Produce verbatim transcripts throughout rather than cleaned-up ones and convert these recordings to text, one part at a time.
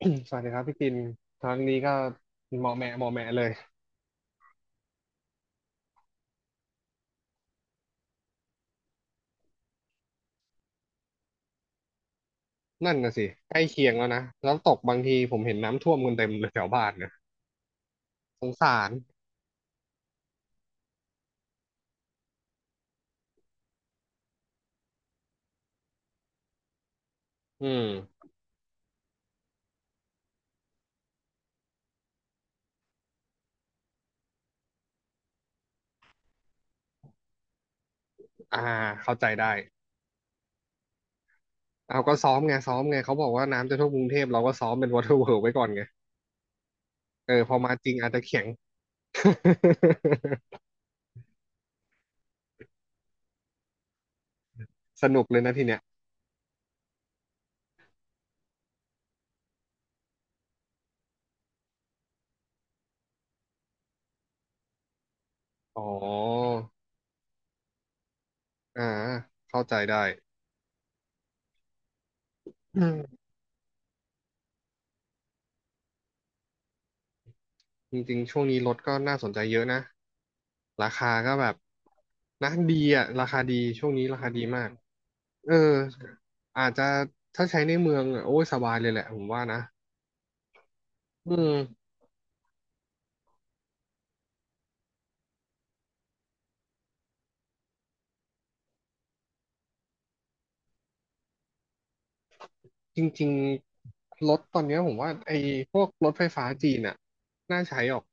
สวัสดีครับพี่กินครั้งนี้ก็เหมาะแหมะเหมาะแหมะเลยนั่นน่ะสิใกล้เคียงแล้วนะแล้วตกบางทีผมเห็นน้ำท่วมกันเต็มเลยแถวบ้านเนี่ยสงสารอืมอ่าเข้าใจได้เอาก็ซ้อมไงซ้อมไงเขาบอกว่าน้ำจะท่วมกรุงเทพเราก็ซ้อมเป็นวอเตอร์เวิลไว้ก่อนไงเออพอมาจริงอาจจะแข็ง สนุกเลยนะทีเนี้ยอ๋อ อ่าเข้าใจได้อืม จริงๆ ช่วงนี้รถก็น่าสนใจเยอะนะ ราคาก็แบบนะดีอ่ะราคาดี ช่วงนี้ราคาดีมาก เอออาจจะถ้าใช้ในเมืองอะโอ้ยสบายเลยแหละผมว่านะอืมจริงๆ รถตอนเนี้ยผมว่าไอ้พวกรถไฟฟ้าจีนอ่ะน่าใช้ออก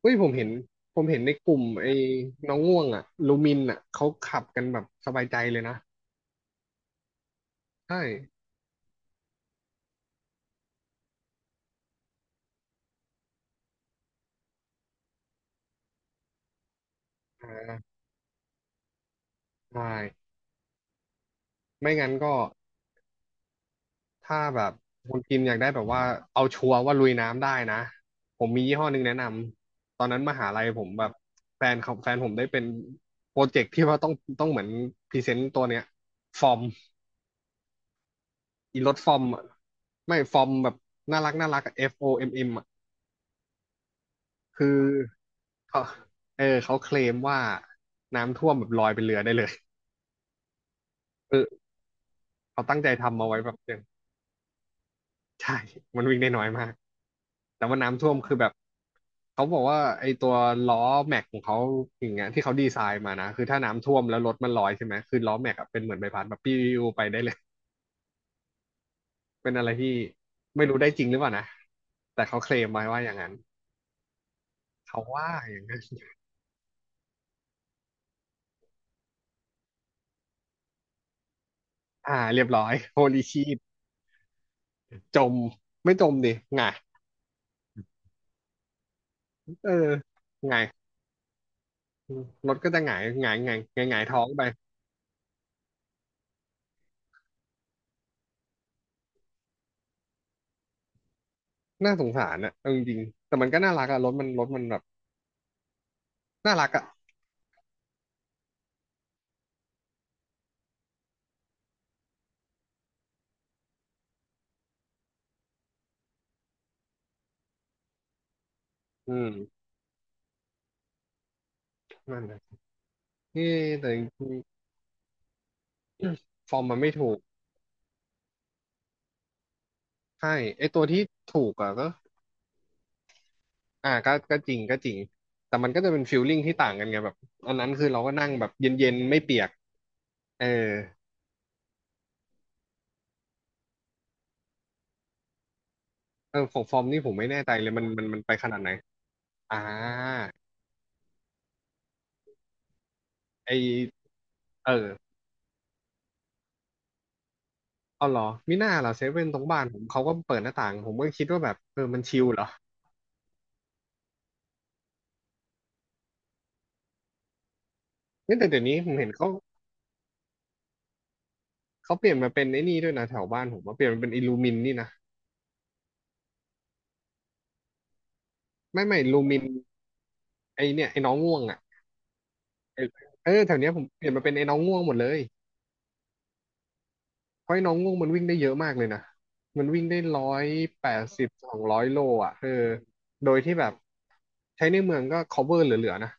เฮ้ย ผมเห็น ผมเห็นในกลุ่มไอ้น้องง่วงอ่ะลูมินอ่ะเขาขับกันแบบสบายใจเลยนะ ใช่อ่าใช่ไม่งั้นก็ ถ้าแบบคุณพิมพ์อยากได้แบบว่าเอาชัวร์ว่าลุยน้ำได้นะผมมียี่ห้อหนึ่งแนะนำตอนนั้นมหาลัยผมแบบแฟนของแฟนผมได้เป็นโปรเจกต์ที่ว่าต้องต้องเหมือนพรีเซนต์ตัวเนี้ยฟอร์มอีรถฟอร์มอะไม่ฟอร์มแบบน่ารักน่ารักอะ เอฟ โอ เอ็ม เอ็ม อะคือเขาเออเขาเคลมว่าน้ำท่วมแบบลอยเป็นเรือได้เลยเออเขาตั้งใจทำมาไว้แบบอย่างใช่มันวิ่งได้น้อยมาก แต่ว่าน้ำท่วมคือแบบเขาบอกว่าไอ้ตัวล้อแม็กของเขาอย่างเงี้ยที่เขาดีไซน์มานะคือถ้าน้ำท่วมแล้วรถมันลอยใช่ไหมคือล้อแม็กอะเป็นเหมือนใบพัดแบบปิ้วไปได้เลยเป็นอะไรที่ไม่รู้ได้จริงหรือเปล่านะแต่เขาเคลมไว้ว่าอย่างนั้นเขาว่าอย่างนั้นอ่าเรียบร้อยโฮลีชีตจมไม่จมดิหงายเออหงายรถก็จะหงายหงายหงายหงายหงายท้องไปน่าสงสารนะเอาจริงๆแต่มันก็น่ารักอะรถมันรถมันแบบน่ารักอะอืมนั่นแหละ เอ๊ะแต่จริงๆฟอร์มมันไม่ถูก ใช่ไอตัวที่ถูกอ่ะก็อ่าก็ก็จริงก็จริง แต่มันก็จะเป็นฟีลลิ่งที่ต่างกันไงแบบอันนั้นคือเราก็นั่งแบบเย็นๆไม่เปียกเออเออของฟอร์มนี่ผมไม่แน่ใจเลยมันมันมันไปขนาดไหนอ่าไอเออเอาเหรอมิน่าเหรอเซเว่นตรงบ้านผมเขาก็เปิดหน้าต่างผมก็คิดว่าแบบเออมันชิลเหรอเฮ้ยแต่เดี๋ยวนี้ผมเห็นเขาเขาเปลี่ยนมาเป็นไอ้นี่ด้วยนะแถวบ้านผมว่าเปลี่ยนมาเป็นอิลูมินนี่นะไม่ไม่ลูมินไอเนี่ยไอ้น้องง่วงอ่ะ เออเออแถวเนี้ยผมเปลี่ยนมาเป็นไอ้น้องง่วงหมดเลยเพราะไอ้น้องง่วงมันวิ่งได้เยอะมากเลยนะมันวิ่งได้หนึ่งร้อยแปดสิบถึงสองร้อยโลอ่ะเออโดยที่แบบใช้ในเมืองก็ cover เหลือๆนะ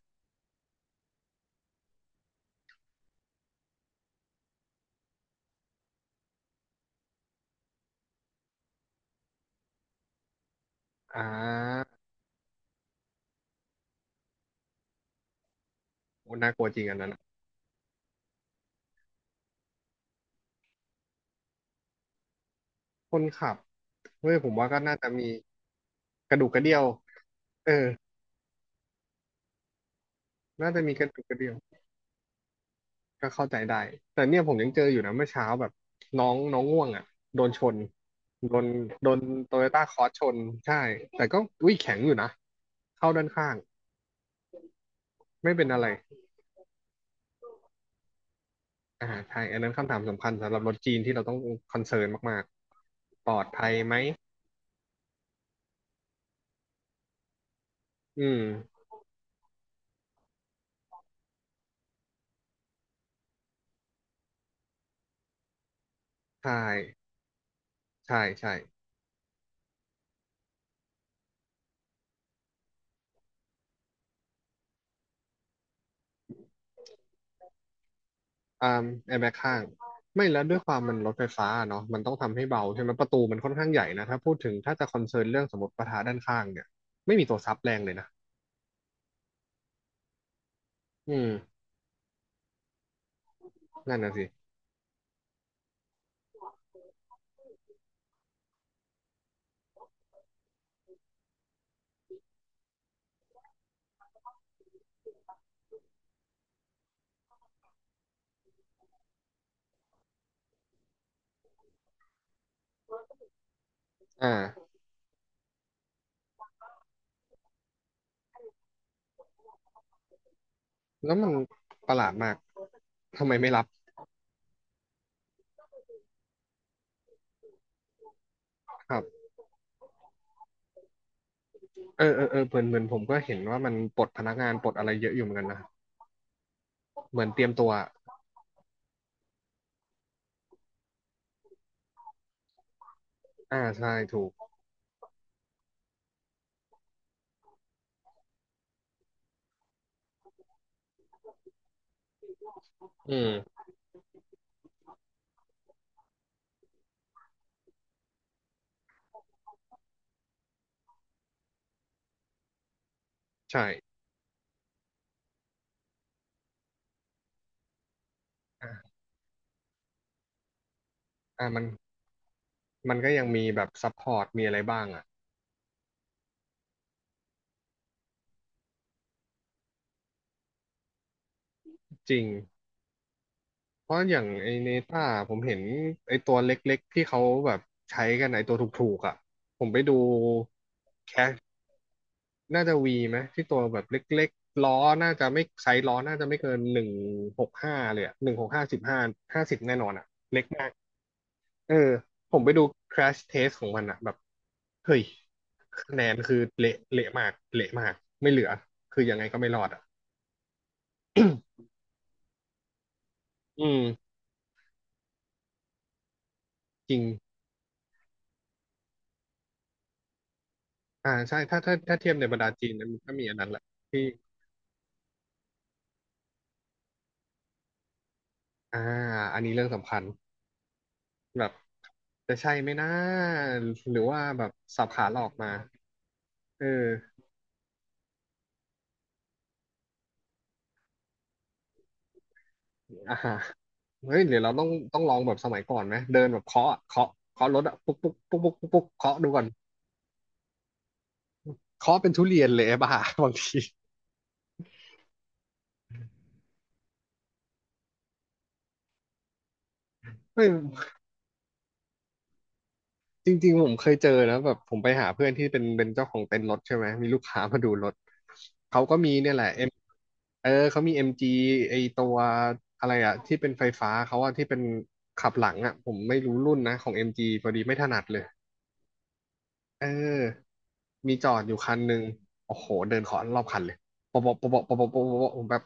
อ่าโอ้น่ากลัวจริงอันนั้นอะคนขับเฮ้ยผมว่าก็น่าจะมีกระดูกกระเดี่ยวเออน่าจะมีกระดูกกระเดี่ยวก็เข้าใจได้แต่เนี่ยผมยังเจออยู่นะเมื่อเช้าแบบน้องน้องง่วงอ่ะโดนชนโดนโดนโตโยต้าคอร์สชนใช่แต่ก็อุ้ยแข็งอยู่นะเข้าด้านข้าง ไม่เป็นอะไรอ่าใช่อันนั้นคำถามสำคัญสำหรับรถจีนที่เราต้องคอนเซิร์นมากๆ ปลอดภัยไหม อืม ใช่ ใช่ ใช่ อ่าแอร์แบ็กข้าง ไม่แล้วด้วยความมันรถไฟฟ้าเนาะมันต้องทำให้เบาใช่ไหม ประตูมันค่อนข้างใหญ่นะ ถ้าพูดถึงถ้าจะคอนเซิร์นเรื่องสมมติประทะด้านข้างเนี่ย ไม่มีตัวซับแรงเลยนะ อืม นั่นน่ะสิอ่าแล้วมันประหลาดมากทำไมไม่รับครับเออเออเออเหมือนเหมือนผมก็เห็นว่ามันปลดพนักงานปลดอะไรเยอะอยู่เหมือนกันนะเหมือนเตรียมตัวอ่าใช่ถูก อืมใช่อ่ะอ่ะมันมันก็ยังมีแบบซัพพอร์ตมีอะไรบ้างอ่ะจริงเพราะอย่างไอเนต้าผมเห็นไอตัวเล็กๆที่เขาแบบใช้กันไอตัวถูกๆอ่ะผมไปดูแคชน่าจะวีไหมที่ตัวแบบเล็กๆล้อน่าจะไม่ไซส์ล้อน่าจะไม่เกินหนึ่งหกห้าเลยอ่ะหนึ่งหกห้า ห้าสิบห้าห้าสิบแน่นอนอ่ะเล็กมากเออผมไปดู แครช เทสต์ ของมันอ่ะแบบเฮ้ยคะแนนคือเละเละมากเละมากไม่เหลือคือยังไงก็ไม่รอดอ่ะ อืมจริงอ่าใช่ถ้าถ้าถ้าเทียบในบรรดาจีนนะมันก็มีอันนั้นแหละที่อ่าอันนี้เรื่องสำคัญแบบจะใช่ไหมนะหรือว่าแบบสับขาหลอกมาเอออ่าฮะเฮ้ยเดี๋ยวเราต้องต้องลองแบบสมัยก่อนไหมเดินแบบเคาะอะเคาะเคาะรถอะปุ๊กปุ๊กปุ๊กปุ๊กปุ๊กปุ๊กเคาะดูก่อนเคาะเป็นทุเรียนเลยไอ้ บ้า บางทีเฮ้ย จริงๆผมเคยเจอนะแบบผมไปหาเพื่อนที่เป็นเป็นเจ้าของเต็นท์รถใช่ไหมมีลูกค้ามาดูรถเขาก็มีเนี่ยแหละ M เออเขามี เอ็ม จี ไอตัวอะไรอะที่เป็นไฟฟ้าเขาอะที่เป็นขับหลังอะผมไม่รู้รุ่นนะของ เอ็ม จี พอดีไม่ถนัดเลยเออมีจอดอยู่คันหนึ่งโอ้โหเดินขอรอบคันเลยปะปะปะปะปะปะปะปะผมแบบ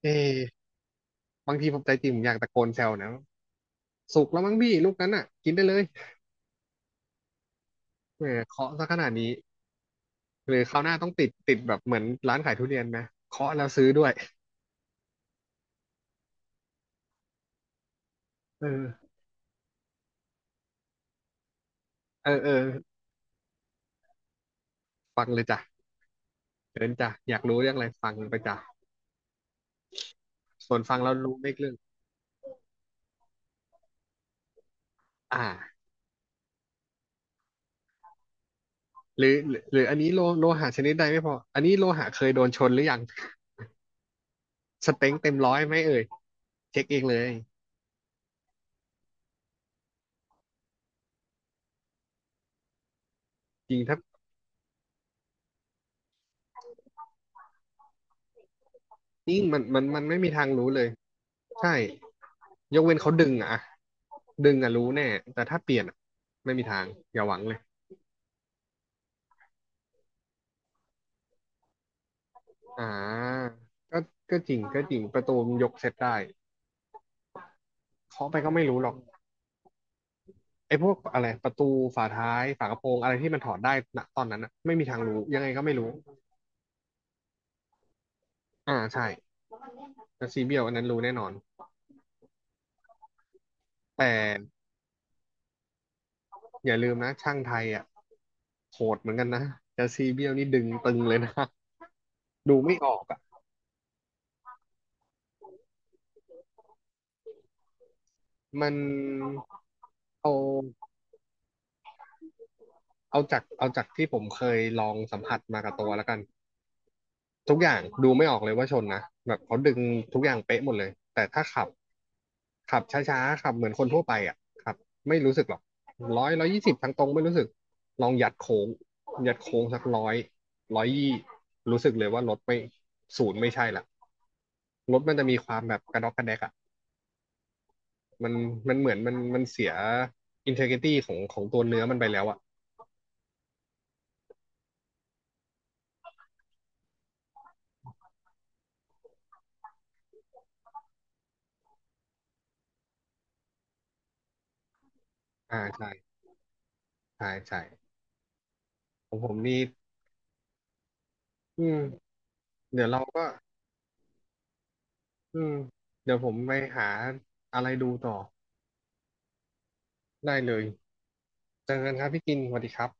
เอ๊ะบางทีผมใจจริงผมอยากตะโกนแซวนะสุกแล้วมั้งพี่ลูกนั้นอ่ะกินได้เลยเออเคาะซะขนาดนี้ หรือคราวหน้าต้องติดติดแบบเหมือนร้านขายทุเรียนไหมเคาะแล้วซื้อด้วยเออเออเออฟังเลยจ้ะเดินจ้ะอยากรู้เรื่องอะไรฟังไปจ้ะส่วนฟังแล้วรู้ไม่เรื่องอ่าหรือหรือหรืออันนี้โลโลหะชนิดใดไม่พออันนี้โลหะเคยโดนชนหรือยังสเต็งเต็มร้อยไหมเอ่ยเช็คเองเลยจริงถ้านี่มันมันมันไม่มีทางรู้เลยใช่ยกเว้นเขาดึงอะดึงอะรู้แน่แต่ถ้าเปลี่ยนอะไม่มีทางอย่าหวังเลยอ่าก็ก็จริงก็จริงประตูมันยกเซตได้ เคาะไปก็ไม่รู้หรอกไอ้พวกอะไรประตูฝาท้ายฝากระโปรงอะไรที่มันถอดได้ณตอนนั้นน่ะไม่มีทางรู้ยังไงก็ไม่รู้อ่าใช่แต่ซีเบียวอันนั้นรู้แน่นอนแต่อย่าลืมนะช่างไทยอะโหดเหมือนกันนะแต่ซีเบียวนี่ดึงตึงเลยนะดูไม่ออกอะมันเอาเอาจากเอาจากที่ผมเคยลองสัมผัสมากับตัวแล้วกัน ทุกอย่างดูไม่ออกเลยว่าชนนะแบบเขาดึงทุกอย่างเป๊ะหมดเลยแต่ถ้าขับขับช้าๆขับเหมือนคนทั่วไปอ่ะขับไม่รู้สึกหรอกร้อย ร้อยยี่สิบทางตรงไม่รู้สึกลองยัดโค้งยัดโค้งสักร้อยร้อยยี่รู้สึกเลยว่ารถไม่ศูนย์ไม่ใช่ละรถมันจะมีความแบบกระดอกกระแดกอ่ะมันมันเหมือนมันมันเสียอินเทอร์ ที วาย ตี้ของของตัวเนื้อมันไปแล้วอ่ะอ่าใช่ใช่ใช่ของผมนี่อืมเดี๋ยวเราก็ อืมเดี๋ยวผมไปหาอะไรดูต่อได้เลยเจอกันครับพี่กินสวัสดีครับ